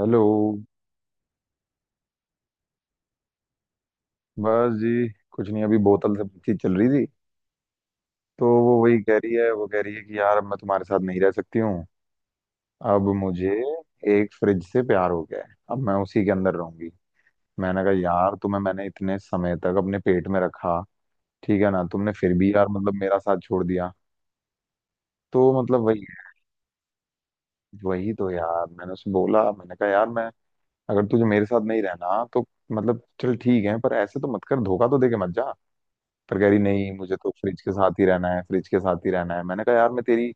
Hello. बस जी कुछ नहीं, अभी बोतल से बातचीत चल रही थी। तो वो वही कह रही है, वो कह रही है कि यार अब मैं तुम्हारे साथ नहीं रह सकती हूँ। अब मुझे एक फ्रिज से प्यार हो गया है, अब मैं उसी के अंदर रहूंगी। मैंने कहा यार तुम्हें मैंने इतने समय तक अपने पेट में रखा, ठीक है ना? तुमने फिर भी यार मतलब मेरा साथ छोड़ दिया। तो मतलब वही है। वही तो यार, मैंने उसे बोला, मैंने कहा यार मैं, अगर तुझे मेरे साथ नहीं रहना तो मतलब चल ठीक है, पर ऐसे तो मत कर, धोखा तो दे के मत जा। पर कह रही नहीं, मुझे तो फ्रिज के साथ ही रहना है, फ्रिज के साथ ही रहना है। मैंने कहा यार मैं तेरी,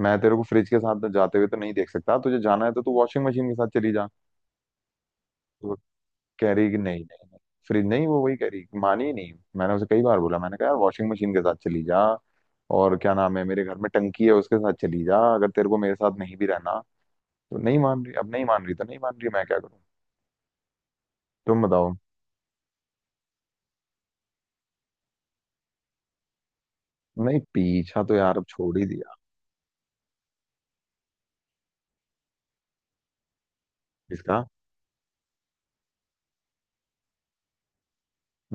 मैं तेरे को फ्रिज के साथ जाते हुए तो नहीं देख सकता, तुझे जाना है तो तू वॉशिंग मशीन के साथ चली जा। तो वो कह रही कि नहीं नहीं नहीं, फ्रिज नहीं, वो वही कह रही, मानी ही नहीं। मैंने उसे कई बार बोला, मैंने कहा यार वॉशिंग मशीन के साथ चली जा, और क्या नाम है, मेरे घर में टंकी है उसके साथ चली जा, अगर तेरे को मेरे साथ नहीं भी रहना। तो नहीं मान रही, अब नहीं मान रही, तो नहीं मान रही, मैं क्या करूं? तुम बताओ। नहीं, पीछा तो यार अब छोड़ ही दिया इसका।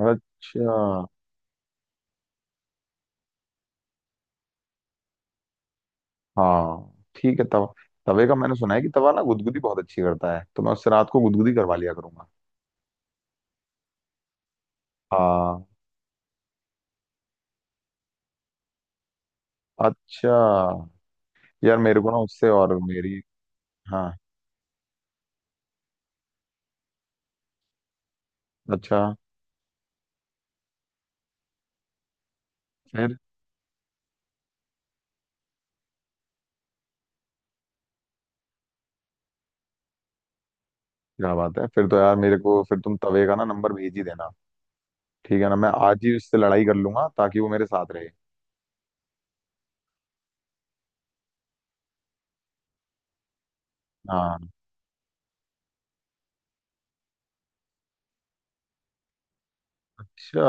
अच्छा। हाँ ठीक है, तवा। तवे का मैंने सुना है कि तवा ना गुदगुदी बहुत अच्छी करता है, तो मैं उससे रात को गुदगुदी करवा लिया करूंगा। हाँ। अच्छा। यार मेरे को ना उससे और मेरी। हाँ। अच्छा। फिर क्या बात है, फिर तो यार मेरे को फिर तुम तवे का ना नंबर भेज ही देना। ठीक है ना? मैं आज ही उससे लड़ाई कर लूंगा ताकि वो मेरे साथ रहे। हाँ। अच्छा।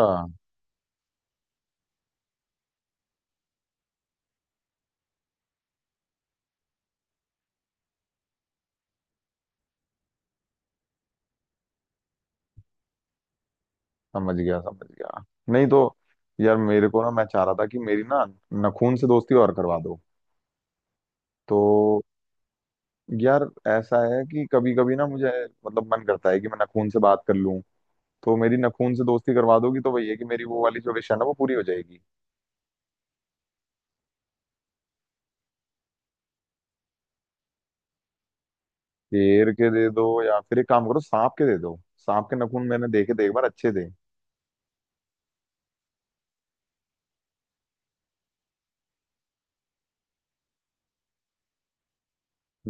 समझ गया समझ गया। नहीं तो यार मेरे को ना, मैं चाह रहा था कि मेरी ना नखून से दोस्ती और करवा दो। तो यार ऐसा है कि कभी कभी ना मुझे मतलब मन करता है कि मैं नखून से बात कर लूं। तो मेरी नखून से दोस्ती करवा दोगी तो वही है कि मेरी वो वाली जो विश है ना वो पूरी हो जाएगी। शेर के दे दो, या फिर एक काम करो, सांप के दे दो। सांप के नखून मैंने देखे थे एक बार, अच्छे थे।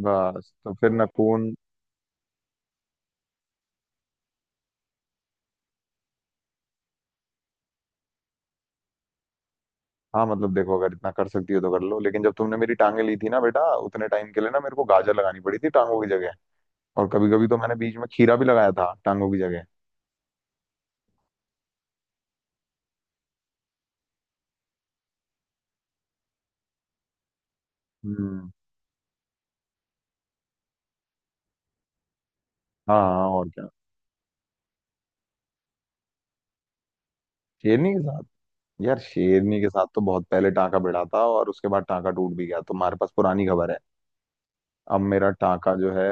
बस तो फिर नखून। हाँ मतलब देखो, अगर इतना कर सकती हो तो कर लो, लेकिन जब तुमने मेरी टांगे ली थी ना बेटा, उतने टाइम के लिए ना मेरे को गाजर लगानी पड़ी थी टांगों की जगह। और कभी कभी तो मैंने बीच में खीरा भी लगाया था टांगों की जगह। हम्म। हाँ हाँ, और क्या। शेरनी के साथ? यार शेरनी के साथ तो बहुत पहले टांका भिड़ा था, और उसके बाद टांका टूट भी गया। तुम्हारे पास पुरानी खबर है। अब मेरा टांका जो है,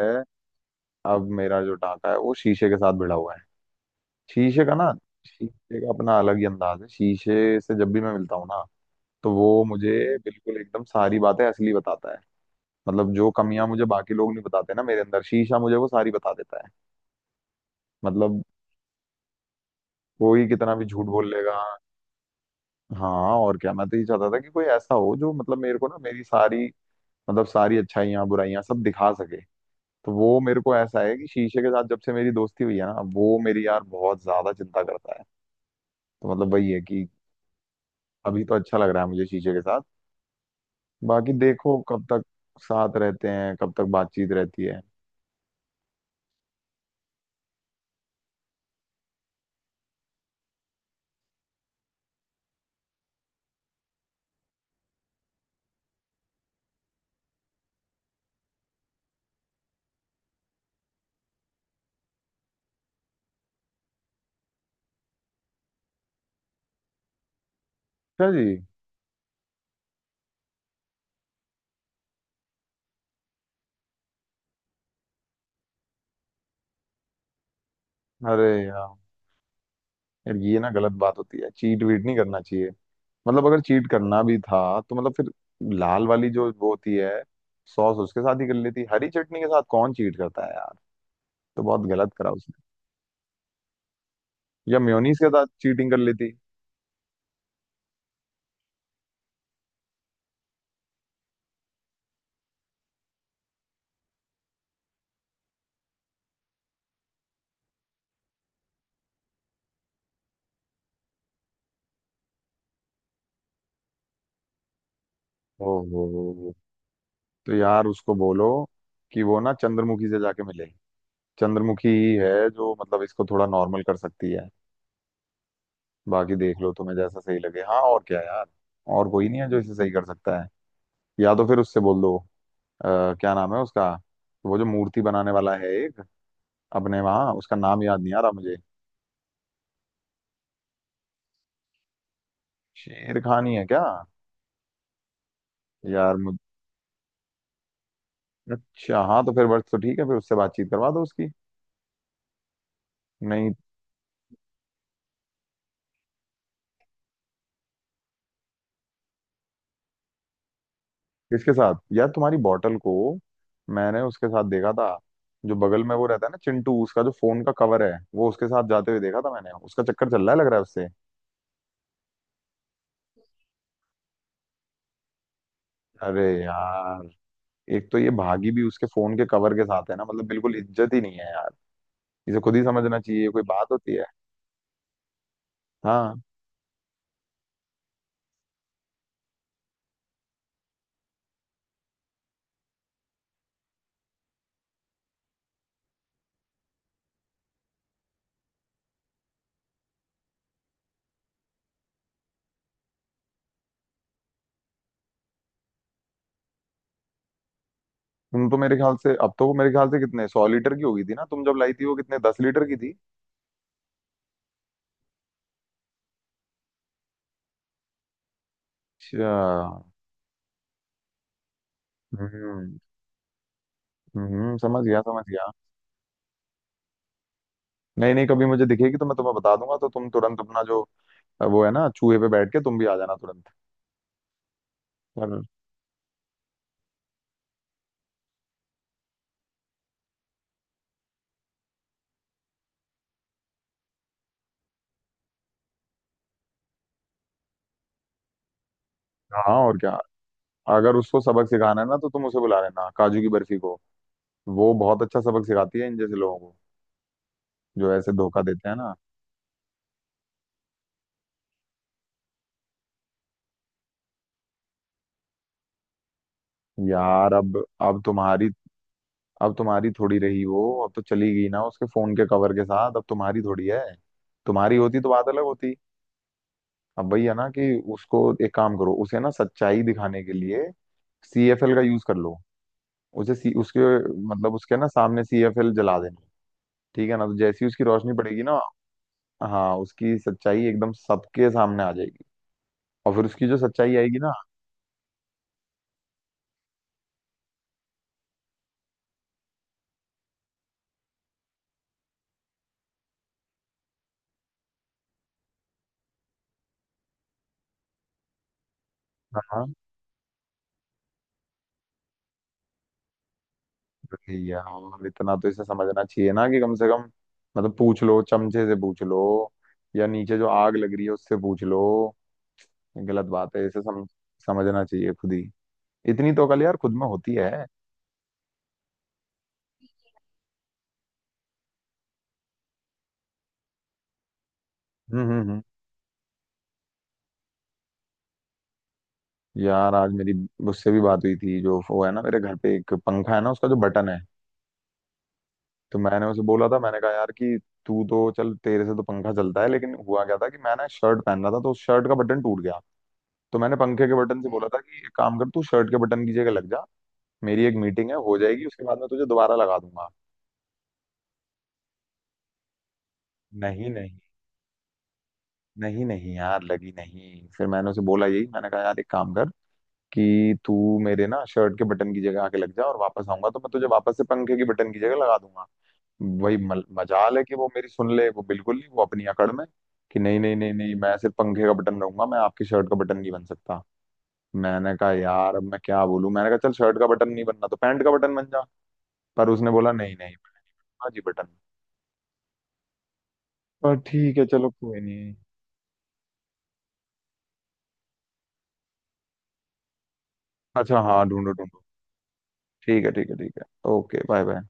अब मेरा जो टांका है वो शीशे के साथ भिड़ा हुआ है। शीशे का ना, शीशे का अपना अलग ही अंदाज है। शीशे से जब भी मैं मिलता हूँ ना तो वो मुझे बिल्कुल एकदम सारी बातें असली बताता है। मतलब जो कमियां मुझे बाकी लोग नहीं बताते ना मेरे अंदर, शीशा मुझे वो सारी बता देता है। मतलब कोई कितना भी झूठ बोल लेगा। हाँ और क्या, मैं तो ये चाहता था कि कोई ऐसा हो जो मतलब मेरे को ना मेरी सारी मतलब सारी अच्छाइयाँ बुराइयाँ सब दिखा सके। तो वो मेरे को ऐसा है कि शीशे के साथ जब से मेरी दोस्ती हुई है ना, वो मेरी यार बहुत ज्यादा चिंता करता है। तो मतलब वही है कि अभी तो अच्छा लग रहा है मुझे शीशे के साथ। बाकी देखो कब तक साथ रहते हैं, कब तक बातचीत रहती है। अच्छा जी। अरे यार, यार ये ना गलत बात होती है, चीट वीट नहीं करना चाहिए। मतलब अगर चीट करना भी था तो मतलब फिर लाल वाली जो वो होती है, सॉस, उसके साथ ही कर लेती। हरी चटनी के साथ कौन चीट करता है यार? तो बहुत गलत करा। या म्योनीस के साथ चीटिंग कर लेती। ओहो। तो यार उसको बोलो कि वो ना चंद्रमुखी से जाके मिले। चंद्रमुखी ही है जो मतलब इसको थोड़ा नॉर्मल कर सकती है। बाकी देख लो, तुम्हें जैसा सही लगे। हाँ और क्या यार, और कोई नहीं है जो इसे सही कर सकता है। या तो फिर उससे बोल दो, क्या नाम है उसका, वो जो मूर्ति बनाने वाला है एक, अपने वहां, उसका नाम याद नहीं आ रहा मुझे। शेर खान ही है क्या? यार मुझ... अच्छा हाँ तो फिर बस तो ठीक है, फिर उससे बातचीत करवा दो उसकी। नहीं, किसके साथ यार तुम्हारी बॉटल को? मैंने उसके साथ देखा था, जो बगल में वो रहता है ना चिंटू, उसका जो फोन का कवर है, वो उसके साथ जाते हुए देखा था मैंने। उसका चक्कर चल रहा है लग रहा है उससे। अरे यार, एक तो ये भागी भी उसके फोन के कवर के साथ है ना, मतलब बिल्कुल इज्जत ही नहीं है यार। इसे खुद ही समझना चाहिए, ये कोई बात होती है? हाँ। तुम तो मेरे ख्याल से अब तो वो मेरे ख्याल से कितने सौ लीटर की हो गई थी ना, तुम जब लाई थी वो कितने दस लीटर की थी? अच्छा। हम्म। समझ गया समझ गया। नहीं नहीं, कभी मुझे दिखेगी तो मैं तुम्हें बता दूंगा, तो तुम तुरंत अपना जो, अब वो है ना चूहे पे बैठ के तुम भी आ जाना तुरंत। हाँ हाँ और क्या। अगर उसको सबक सिखाना है ना तो तुम उसे बुला लेना, काजू की बर्फी को। वो बहुत अच्छा सबक सिखाती है इन जैसे लोगों को जो ऐसे धोखा देते हैं ना। यार अब तुम्हारी, अब तुम्हारी थोड़ी रही वो, अब तो चली गई ना उसके फोन के कवर के साथ, अब तुम्हारी थोड़ी है। तुम्हारी होती तो बात अलग होती। अब वही है ना कि उसको एक काम करो, उसे ना सच्चाई दिखाने के लिए सीएफएल का यूज कर लो। उसके मतलब उसके ना सामने सीएफएल जला देना। ठीक है ना? तो जैसी उसकी रोशनी पड़ेगी ना, हाँ, उसकी सच्चाई एकदम सबके सामने आ जाएगी। और फिर उसकी जो सच्चाई आएगी ना, हाँ। भैया और इतना तो इसे समझना चाहिए ना कि कम से कम मतलब पूछ लो, चमचे से पूछ लो, या नीचे जो आग लग रही है उससे पूछ लो। गलत बात है, समझना चाहिए खुद ही। इतनी तो कल यार खुद में होती है। हम्म। यार आज मेरी उससे भी बात हुई थी, जो वो है ना मेरे घर पे एक पंखा है ना उसका जो बटन है। तो मैंने उसे बोला था, मैंने कहा यार कि तू तो चल, तेरे से तो पंखा चलता है, लेकिन हुआ क्या था कि मैंने शर्ट पहन रहा था तो उस शर्ट का बटन टूट गया। तो मैंने पंखे के बटन से बोला था कि एक काम कर, तू शर्ट के बटन की जगह लग जा। मेरी एक मीटिंग है, हो जाएगी उसके बाद मैं तुझे दोबारा लगा दूंगा। नहीं नहीं। नहीं नहीं यार लगी नहीं। फिर मैंने उसे बोला, यही मैंने कहा यार एक काम कर कि तू मेरे ना शर्ट के बटन की जगह आके लग जा, और वापस आऊंगा तो मैं तुझे वापस से पंखे की बटन की जगह लगा दूंगा। वही मजाल है कि वो मेरी सुन ले, वो बिल्कुल नहीं, वो अपनी अकड़ में कि नहीं नहीं नहीं नहीं मैं सिर्फ पंखे का बटन रहूंगा, मैं आपकी शर्ट का बटन नहीं बन सकता। मैंने कहा यार अब मैं क्या बोलूं, मैंने कहा चल शर्ट का बटन नहीं बनना तो पैंट का बटन बन जा। पर उसने बोला नहीं नहीं। हाँ जी बटन। पर ठीक है, चलो कोई नहीं। अच्छा हाँ, ढूंढो ढूंढो। ठीक है ठीक है ठीक है। Okay, bye bye.